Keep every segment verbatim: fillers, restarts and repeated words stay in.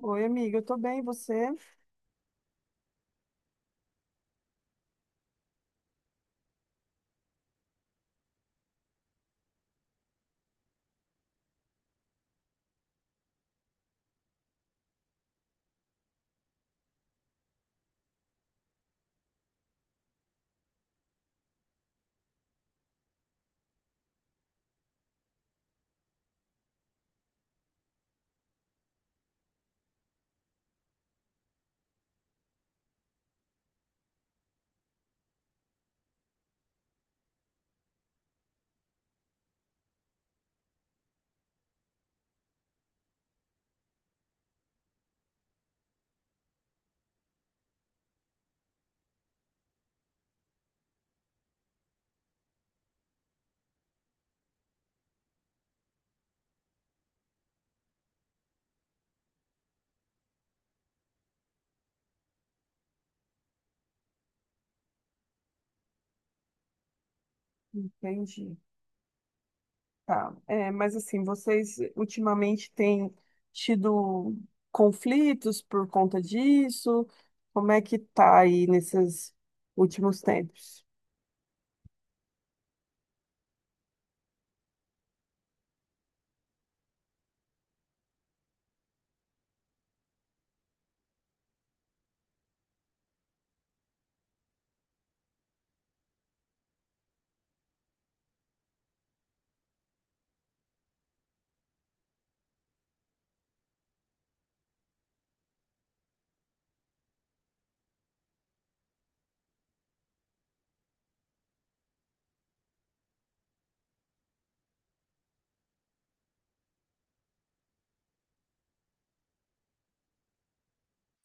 Oi, amiga, eu tô bem, e você? Entendi. Tá. É, mas assim, vocês ultimamente têm tido conflitos por conta disso? Como é que tá aí nesses últimos tempos?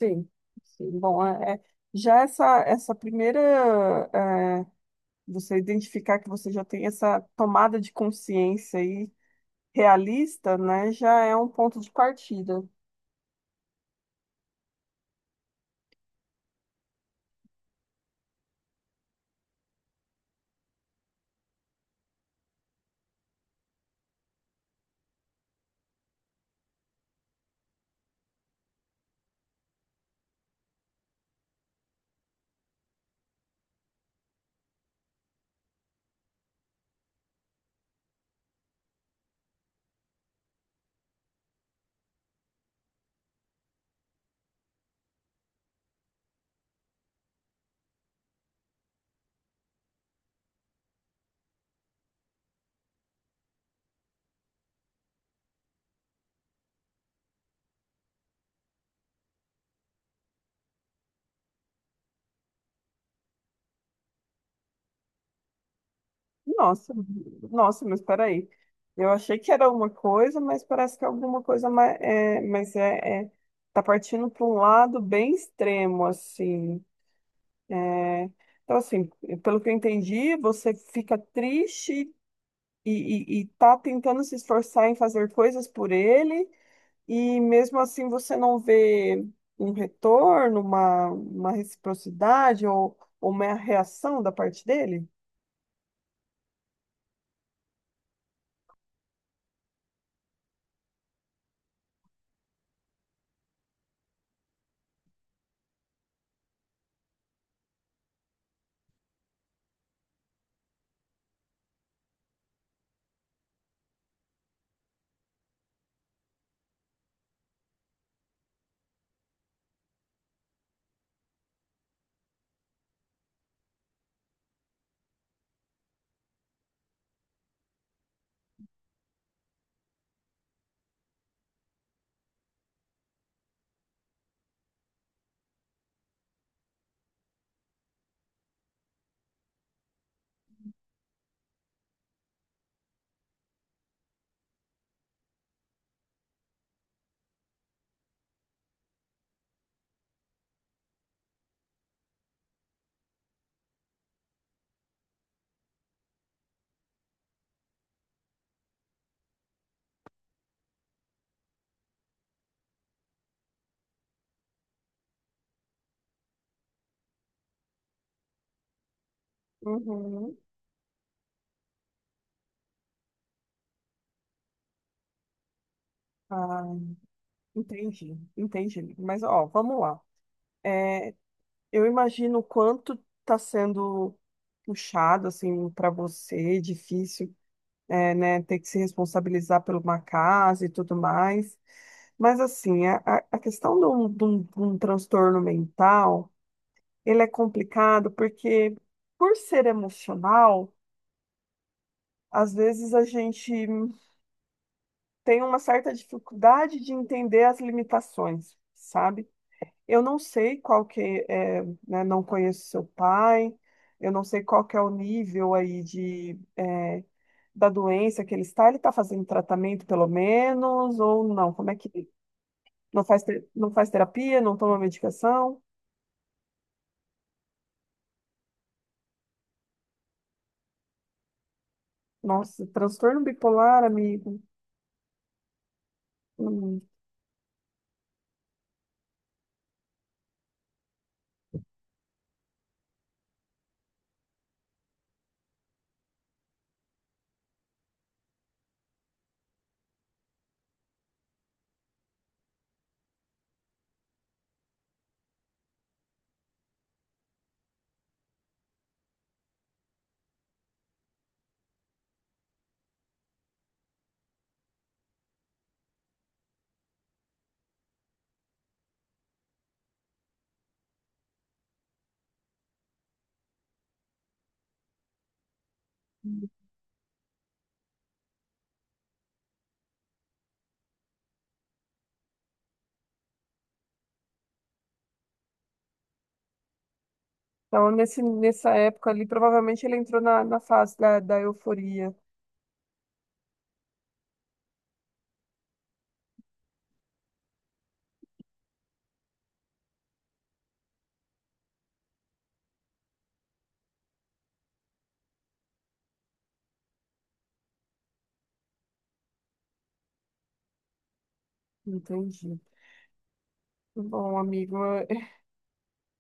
Sim, sim. Bom, é, é- já essa, essa primeira, é, você identificar que você já tem essa tomada de consciência aí realista, né, já é um ponto de partida. Nossa, nossa, mas peraí. Eu achei que era uma coisa, mas parece que é alguma coisa mais. É, mas é, é- tá partindo para um lado bem extremo, assim. É, então, assim, pelo que eu entendi, você fica triste e, e, e tá tentando se esforçar em fazer coisas por ele, e mesmo assim você não vê um retorno, uma, uma reciprocidade ou, ou uma reação da parte dele? Uhum. Ah. Entendi, entendi. Mas, ó, vamos lá. É, eu imagino o quanto está sendo puxado, assim, para você, difícil, é, né, ter que se responsabilizar por uma casa e tudo mais. Mas, assim, a, a a questão de um, de um- de um transtorno mental, ele é complicado porque, por ser emocional, às vezes a gente tem uma certa dificuldade de entender as limitações, sabe? Eu não sei qual que é, né, não conheço seu pai, eu não sei qual que é o nível aí de, é, da doença que ele está. Ele está fazendo tratamento pelo menos ou não? Como é que não faz, te- não faz terapia, não toma medicação? Nossa, transtorno bipolar, amigo. Hum. Então, nesse, nessa época ali, provavelmente ele entrou na, na fase da, da euforia. Entendi. Bom, amigo,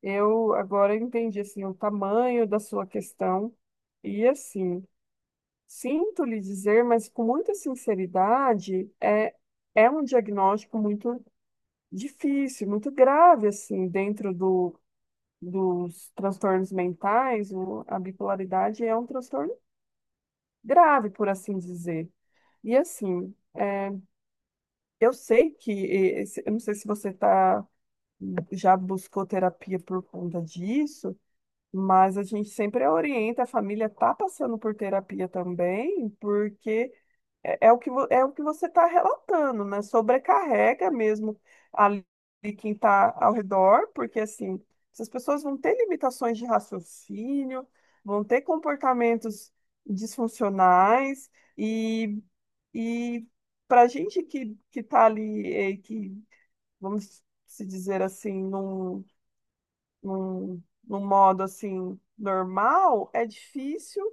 eu agora entendi assim o tamanho da sua questão e assim, sinto lhe dizer, mas com muita sinceridade, é é um diagnóstico muito difícil, muito grave assim, dentro do, dos transtornos mentais, o- a bipolaridade é um transtorno grave, por assim dizer. E assim, eu sei que, eh, esse- eu não sei se você tá, já buscou terapia por conta disso, mas a gente sempre orienta, a família está passando por terapia também, porque é, é o que, vo- é o que você está relatando, né? Sobrecarrega mesmo ali quem está ao redor, porque assim, essas pessoas vão ter limitações de raciocínio, vão ter comportamentos disfuncionais, e, e para a gente que, que está ali, eh, que, vamos se dizer assim, não num, num modo assim normal, é difícil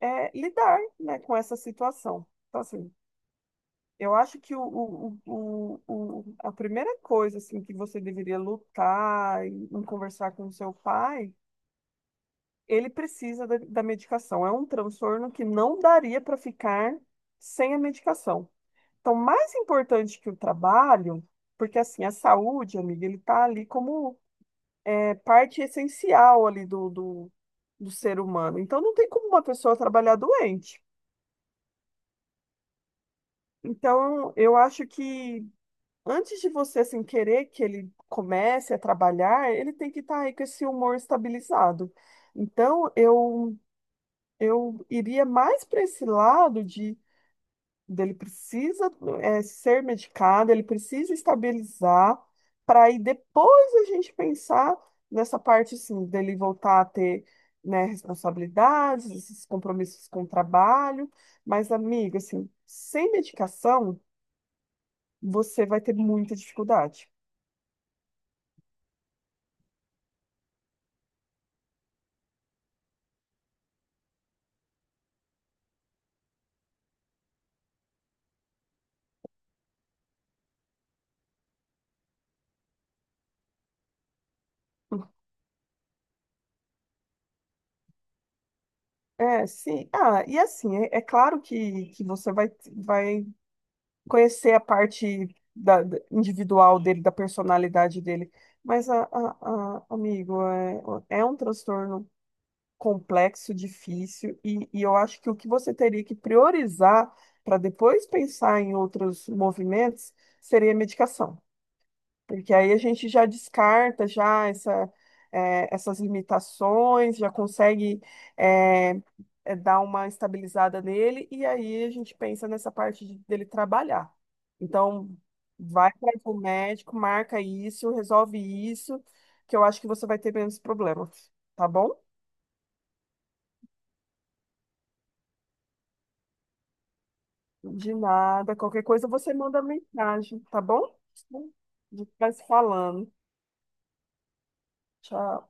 é, lidar, né, com essa situação. Então, assim, eu acho que o, o, o, o, o- a primeira coisa assim que você deveria lutar e em conversar com o seu pai, ele precisa da, da medicação. É um transtorno que não daria para ficar sem a medicação. Então, mais importante que o trabalho, porque assim, a saúde, amiga, ele tá ali como é parte essencial ali do, do, do ser humano. Então, não tem como uma pessoa trabalhar doente. Então, eu acho que antes de você assim, querer que ele comece a trabalhar, ele tem que estar aí com esse humor estabilizado. Então, eu, eu iria mais para esse lado de ele precisa é, ser medicado, ele precisa estabilizar, para aí depois a gente pensar nessa parte assim, dele voltar a ter, né, responsabilidades, esses compromissos com o trabalho. Mas, amiga, assim, sem medicação, você vai ter muita dificuldade. É, sim. Ah, e assim, é, é claro que, que você vai, vai conhecer a parte da, da- individual dele, da personalidade dele. Mas, a, a- a- amigo, é, é um transtorno complexo, difícil, e, e eu acho que o que você teria que priorizar para depois pensar em outros movimentos seria a medicação. Porque aí a gente já descarta já essa, eh, essas limitações, já consegue eh, eh, dar uma estabilizada nele, e aí a gente pensa nessa parte de- dele trabalhar. Então, vai para o médico, marca isso, resolve isso, que eu acho que você vai ter menos problemas, tá bom? De nada, qualquer coisa você manda mensagem, tá bom? A gente vai se falando. Tchau.